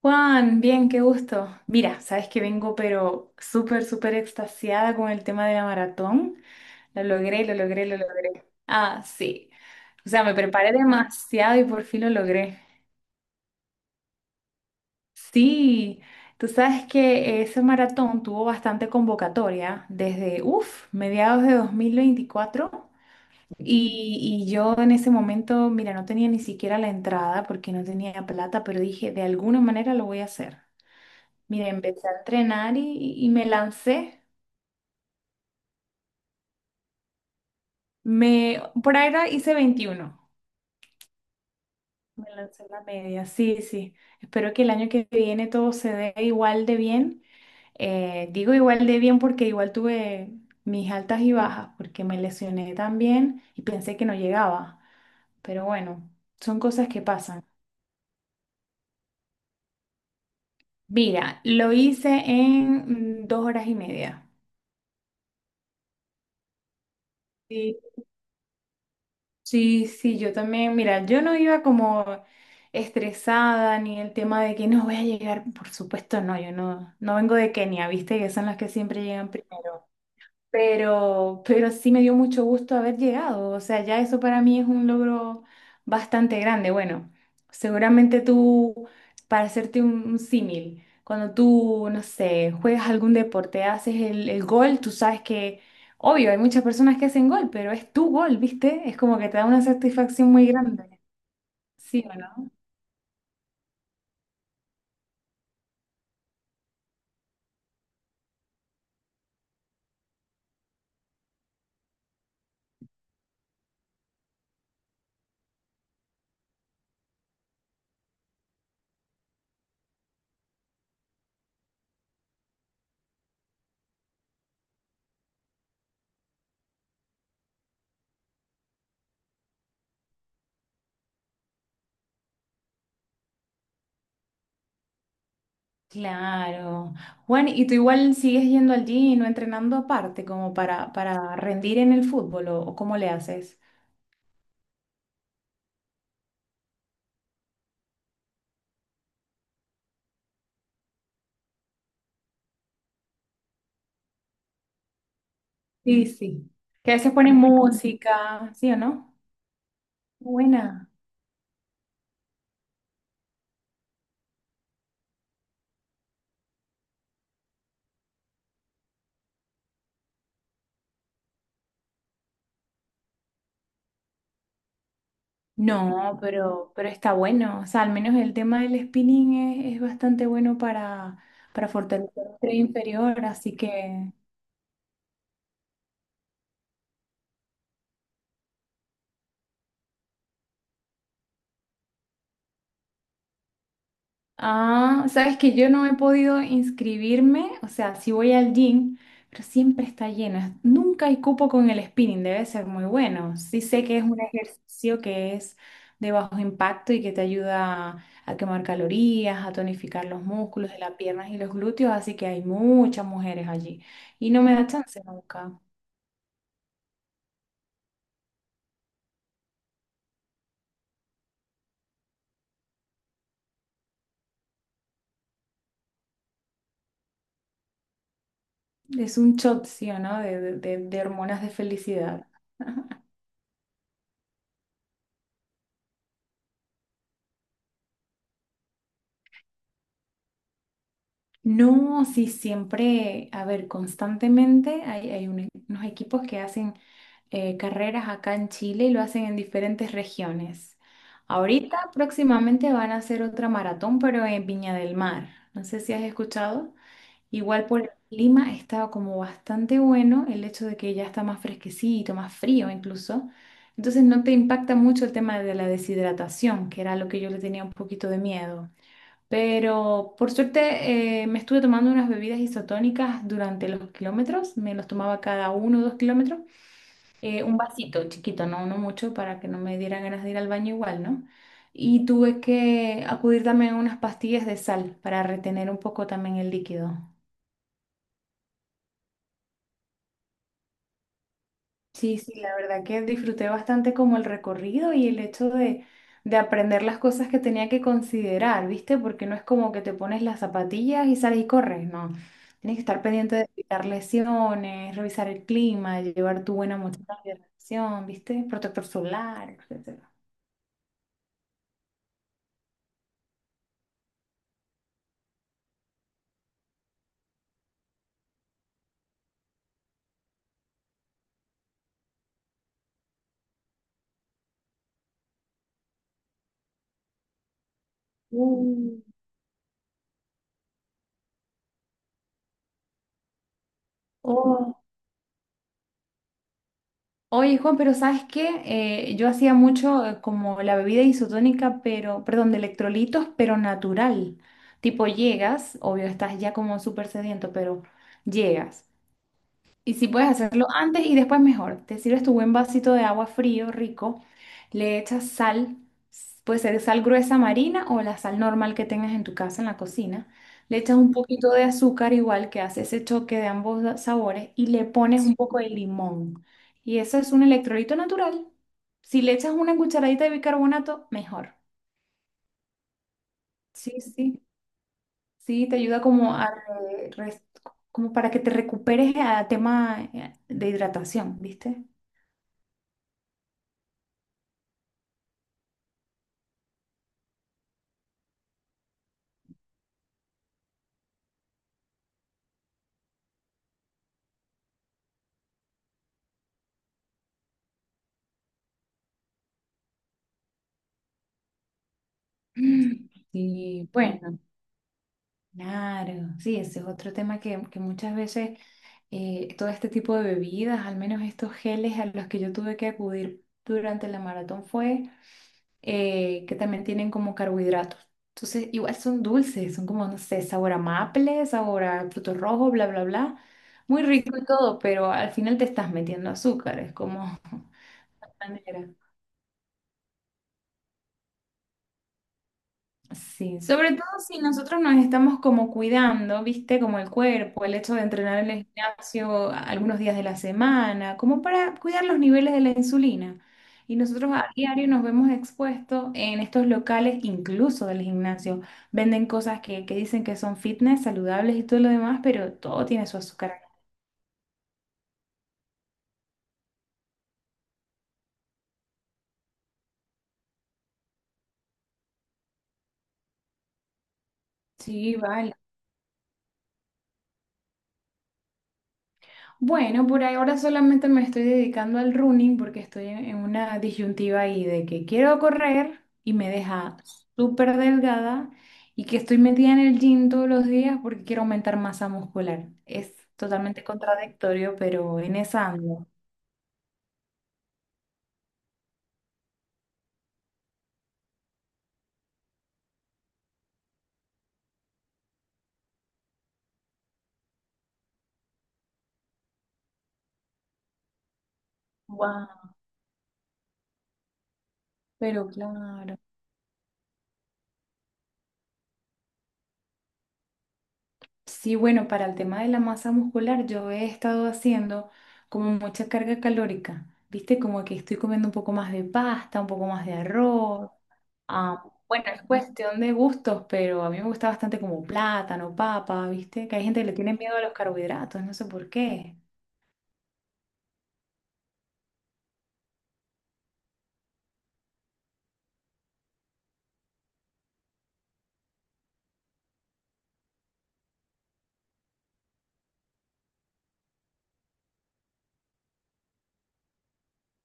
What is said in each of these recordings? Juan, bien, qué gusto. Mira, sabes que vengo pero súper, súper extasiada con el tema de la maratón. Lo logré, lo logré, lo logré. Ah, sí. O sea, me preparé demasiado y por fin lo logré. Sí, tú sabes que ese maratón tuvo bastante convocatoria desde, uff, mediados de 2024. Y yo en ese momento, mira, no tenía ni siquiera la entrada porque no tenía plata, pero dije, de alguna manera lo voy a hacer. Mira, empecé a entrenar y me lancé. Me, por ahora hice 21. Me lancé la media, sí, sí. Espero que el año que viene todo se dé igual de bien. Digo igual de bien porque igual tuve mis altas y bajas, porque me lesioné también y pensé que no llegaba. Pero bueno, son cosas que pasan. Mira, lo hice en 2 horas y media. Sí. Sí, sí, yo también, mira, yo no iba como estresada ni el tema de que no voy a llegar, por supuesto no, yo no, no vengo de Kenia, viste que son las que siempre llegan primero. Pero sí me dio mucho gusto haber llegado. O sea, ya eso para mí es un logro bastante grande. Bueno, seguramente tú, para hacerte un símil, cuando tú, no sé, juegas algún deporte, haces el gol, tú sabes que, obvio, hay muchas personas que hacen gol, pero es tu gol, ¿viste? Es como que te da una satisfacción muy grande. ¿Sí o no? Claro. Juan, ¿y tú igual sigues yendo al gym o entrenando aparte como para rendir en el fútbol o cómo le haces? Sí, sí. Que a veces ponen música, ¿sí o no? Buena. No, pero está bueno. O sea, al menos el tema del spinning es bastante bueno para fortalecer el tren inferior, así que... Ah, sabes que yo no he podido inscribirme, o sea, sí voy al gym, pero siempre está llena. Nunca hay cupo con el spinning, debe ser muy bueno. Sí sé que es un ejercicio que es de bajo impacto y que te ayuda a quemar calorías, a tonificar los músculos de las piernas y los glúteos, así que hay muchas mujeres allí. Y no me da chance nunca. Es un shot, ¿sí o no?, de, de hormonas de felicidad. No, sí, siempre, a ver, constantemente hay, hay unos equipos que hacen carreras acá en Chile y lo hacen en diferentes regiones. Ahorita próximamente van a hacer otra maratón, pero en Viña del Mar. No sé si has escuchado. Igual por el clima está como bastante bueno el hecho de que ya está más fresquecito, más frío incluso. Entonces no te impacta mucho el tema de la deshidratación, que era lo que yo le tenía un poquito de miedo. Pero por suerte me estuve tomando unas bebidas isotónicas durante los kilómetros, me los tomaba cada 1 o 2 kilómetros, un vasito chiquito, no, no mucho, para que no me diera ganas de ir al baño igual, ¿no? Y tuve que acudir también a unas pastillas de sal para retener un poco también el líquido. Sí, sí, la verdad que disfruté bastante como el recorrido y el hecho de aprender las cosas que tenía que considerar, ¿viste? Porque no es como que te pones las zapatillas y sales y corres, no. Tienes que estar pendiente de evitar lesiones, revisar el clima, llevar tu buena mochila de reacción, ¿viste? Protector solar, etcétera. Mm. Oye, Juan, pero ¿sabes qué? Yo hacía mucho como la bebida isotónica, pero, perdón, de electrolitos, pero natural. Tipo, llegas, obvio, estás ya como súper sediento, pero llegas. Y si puedes hacerlo antes y después mejor. Te sirves tu buen vasito de agua frío, rico, le echas sal, puede ser sal gruesa marina o la sal normal que tengas en tu casa, en la cocina. Le echas un poquito de azúcar igual que hace ese choque de ambos sabores y le pones un poco de limón. Y eso es un electrolito natural. Si le echas una cucharadita de bicarbonato, mejor. Sí, sí, sí, te ayuda como como para que te recuperes a tema de hidratación, ¿viste? Y bueno, claro, sí, ese es otro tema que muchas veces todo este tipo de bebidas, al menos estos geles a los que yo tuve que acudir durante la maratón fue que también tienen como carbohidratos. Entonces, igual son dulces, son como, no sé, sabor a maple, sabor a frutos rojos, bla, bla, bla. Muy rico y todo, pero al final te estás metiendo azúcar, es como... manera. Sí, sobre todo si nosotros nos estamos como cuidando, ¿viste? Como el cuerpo, el hecho de entrenar en el gimnasio algunos días de la semana, como para cuidar los niveles de la insulina. Y nosotros a diario nos vemos expuestos en estos locales, incluso del gimnasio. Venden cosas que dicen que son fitness, saludables y todo lo demás, pero todo tiene su azúcar. Sí, vale. Bueno, por ahora solamente me estoy dedicando al running porque estoy en una disyuntiva ahí de que quiero correr y me deja súper delgada y que estoy metida en el gym todos los días porque quiero aumentar masa muscular. Es totalmente contradictorio, pero en esa ando. Wow. Pero claro. Sí, bueno, para el tema de la masa muscular, yo he estado haciendo como mucha carga calórica, ¿viste? Como que estoy comiendo un poco más de pasta, un poco más de arroz. Ah, bueno, es cuestión de gustos, pero a mí me gusta bastante como plátano, papa, ¿viste? Que hay gente que le tiene miedo a los carbohidratos, no sé por qué.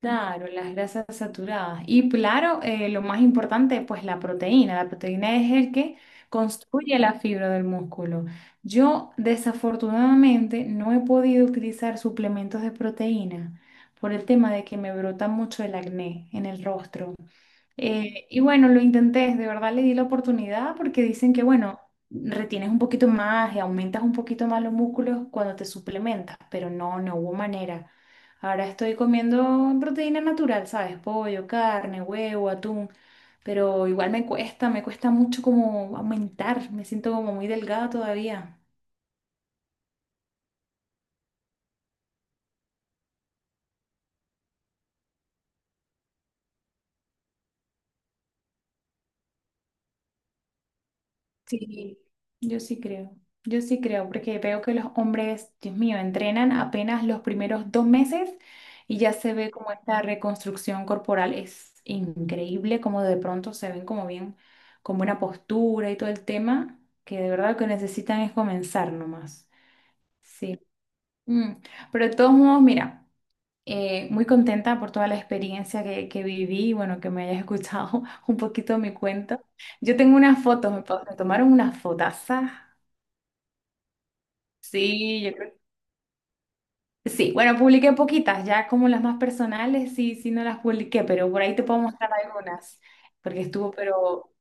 Claro, las grasas saturadas. Y claro, lo más importante, pues la proteína. La proteína es el que construye la fibra del músculo. Yo desafortunadamente no he podido utilizar suplementos de proteína por el tema de que me brota mucho el acné en el rostro. Y bueno, lo intenté, de verdad le di la oportunidad porque dicen que, bueno, retienes un poquito más y aumentas un poquito más los músculos cuando te suplementas, pero no, no hubo manera. Ahora estoy comiendo proteína natural, ¿sabes? Pollo, carne, huevo, atún, pero igual me cuesta mucho como aumentar, me siento como muy delgada todavía. Sí. Yo sí creo, yo sí creo, porque veo que los hombres, Dios mío, entrenan apenas los primeros 2 meses y ya se ve como esta reconstrucción corporal es increíble, como de pronto se ven como bien, con buena postura y todo el tema, que de verdad lo que necesitan es comenzar nomás. Sí. Mm. Pero de todos modos, mira, muy contenta por toda la experiencia que viví y bueno, que me hayas escuchado un poquito mi cuento. Yo tengo unas fotos, me tomaron unas fotazas. Sí, yo creo. Sí, bueno, publiqué poquitas, ya como las más personales, sí, sí no las publiqué, pero por ahí te puedo mostrar algunas, porque estuvo pero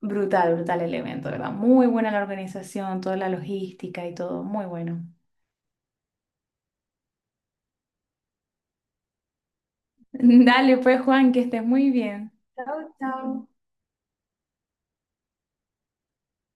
brutal, brutal el evento, ¿verdad? Muy buena la organización, toda la logística y todo, muy bueno. Dale, pues Juan, que estés muy bien. Chao, chao.